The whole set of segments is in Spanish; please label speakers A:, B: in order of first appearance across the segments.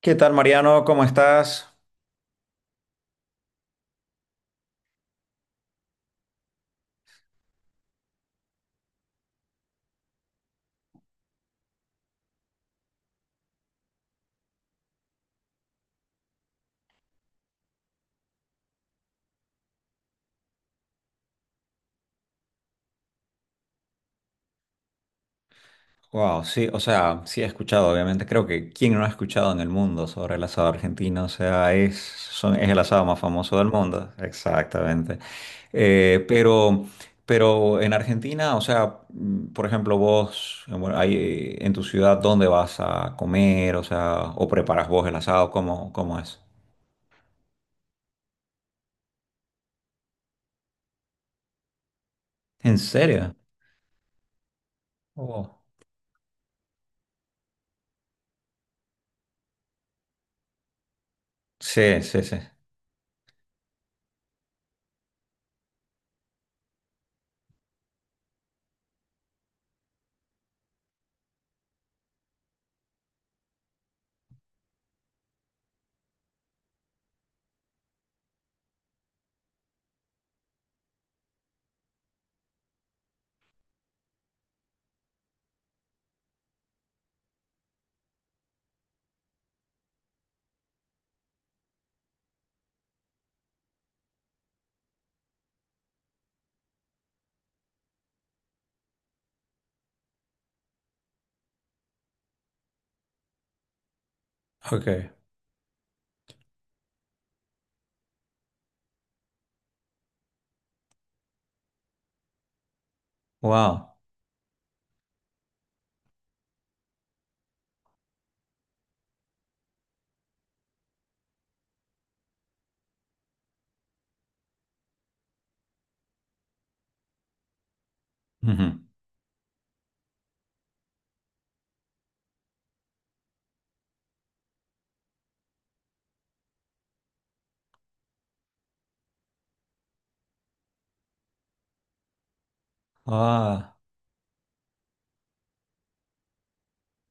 A: ¿Qué tal, Mariano? ¿Cómo estás? Wow, sí, o sea, sí he escuchado, obviamente. Creo que quién no ha escuchado en el mundo sobre el asado argentino, o sea, es el asado más famoso del mundo. Exactamente. Eh, pero, pero en Argentina, o sea, por ejemplo, vos, bueno, ahí, en tu ciudad, ¿dónde vas a comer? O sea, ¿o preparas vos el asado? Cómo es? ¿En serio? Oh. Sí, sí, sí. Ok. Wow. Ujú. Ah,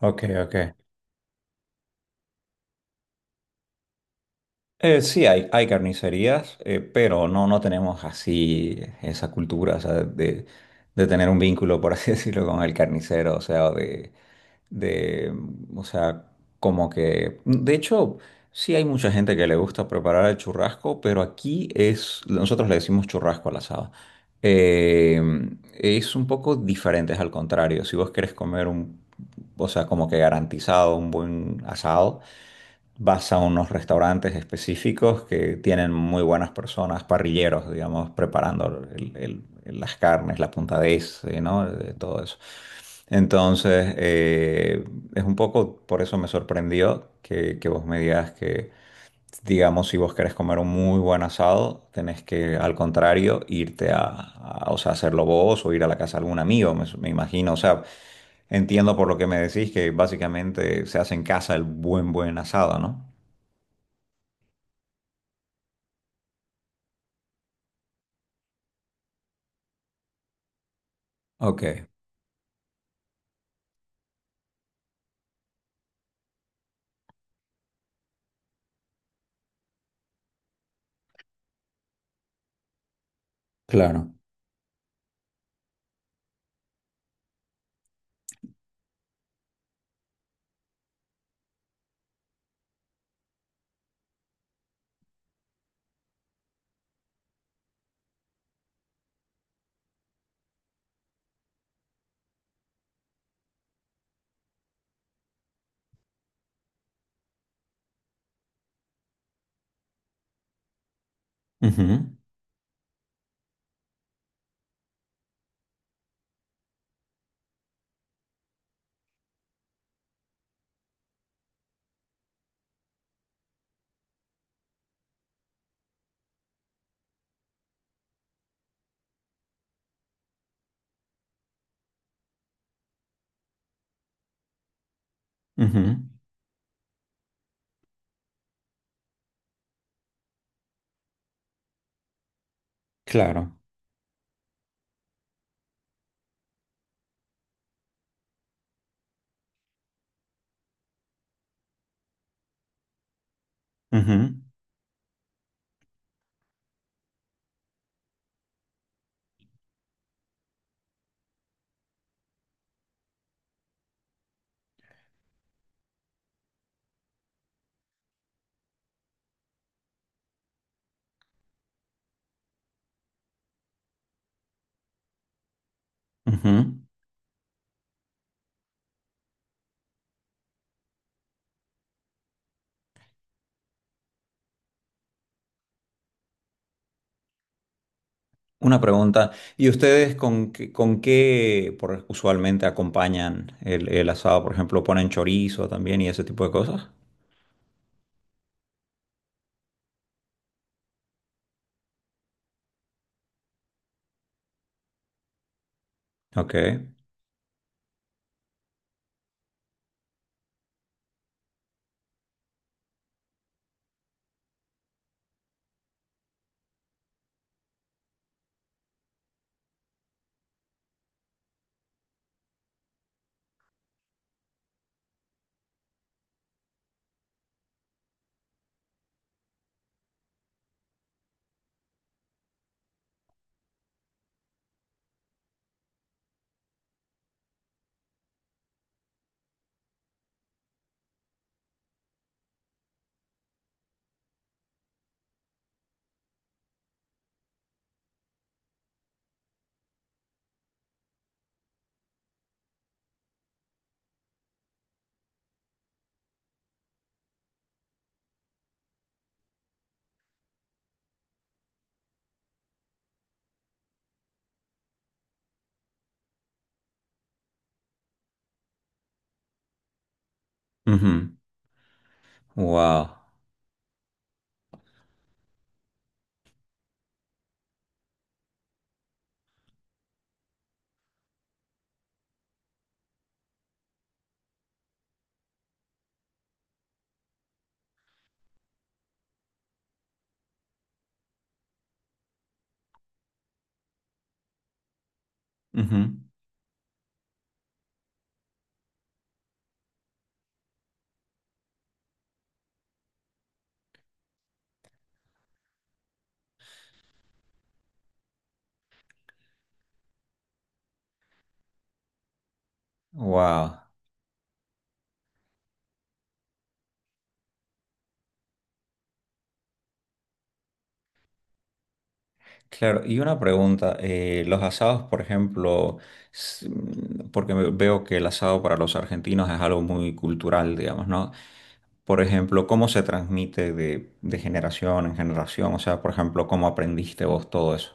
A: ok, ok. Sí, hay carnicerías, pero no tenemos así esa cultura, o sea, de tener un vínculo, por así decirlo, con el carnicero, o sea, de, o sea, como que, de hecho, sí hay mucha gente que le gusta preparar el churrasco, pero aquí es, nosotros le decimos churrasco al asado. Eh, es un poco diferente, es al contrario, si vos querés comer o sea, como que garantizado un buen asado vas a unos restaurantes específicos que tienen muy buenas personas, parrilleros, digamos, preparando las carnes, la puntadez, ¿no? De todo eso. Entonces, es un poco, por eso me sorprendió que vos me digas que, digamos, si vos querés comer un muy buen asado, tenés que, al contrario, irte a, o sea, hacerlo vos o ir a la casa de algún amigo, me imagino, o sea, entiendo por lo que me decís que básicamente se hace en casa el buen asado, ¿no? Ok, claro. Ujú, ujú, claro. Ujú, ujú. Una pregunta. ¿Y ustedes con qué usualmente acompañan el asado? Por ejemplo, ¿ponen chorizo también y ese tipo de cosas? Ok. Ujú. Wow. Ujú. Wow. Claro, y una pregunta, los asados, por ejemplo, porque veo que el asado para los argentinos es algo muy cultural, digamos, ¿no? Por ejemplo, ¿cómo se transmite de generación en generación? O sea, por ejemplo, ¿cómo aprendiste vos todo eso?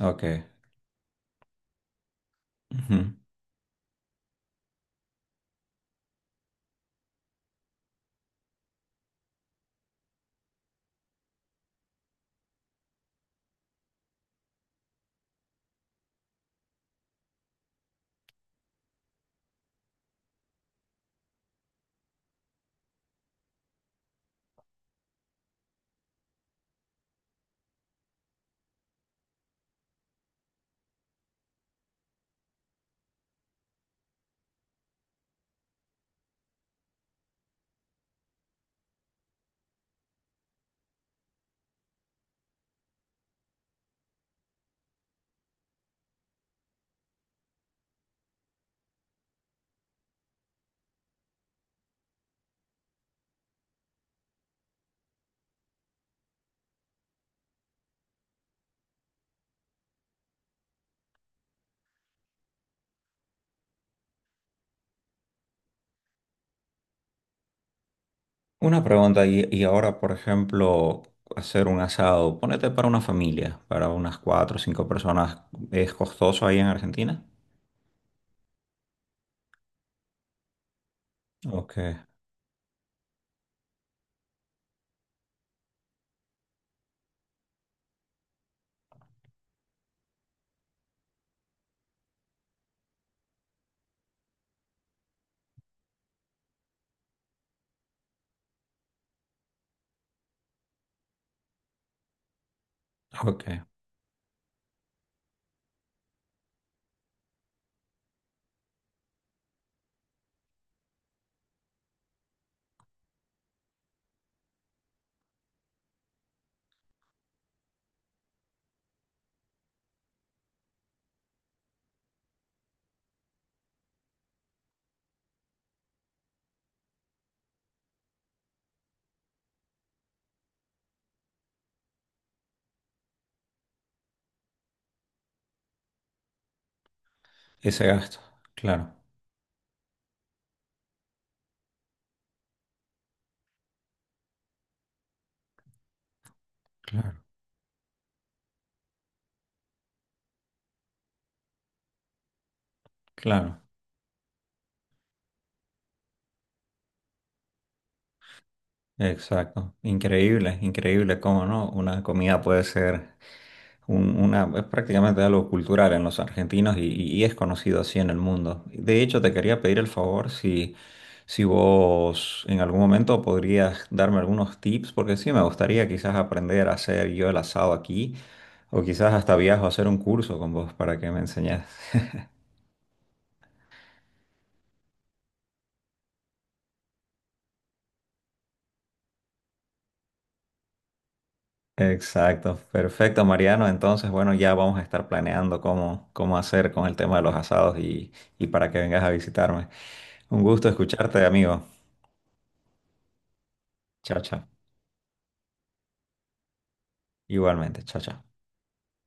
A: Ok. Ujú. Una pregunta, y ahora, por ejemplo, hacer un asado, ponete para una familia, para unas cuatro o cinco personas, ¿es costoso ahí en Argentina? Ok, ok. Ese gasto, claro, claro. Claro, exacto. Increíble, increíble cómo no. Una comida puede ser es prácticamente algo cultural en los argentinos y es conocido así en el mundo. De hecho, te quería pedir el favor si, si vos en algún momento podrías darme algunos tips, porque sí, me gustaría quizás aprender a hacer yo el asado aquí, o quizás hasta viajo a hacer un curso con vos para que me enseñes. Exacto, perfecto, Mariano. Entonces, bueno, ya vamos a estar planeando cómo hacer con el tema de los asados y para que vengas a visitarme. Un gusto escucharte, amigo. Chao, chao. Igualmente, chao, chao.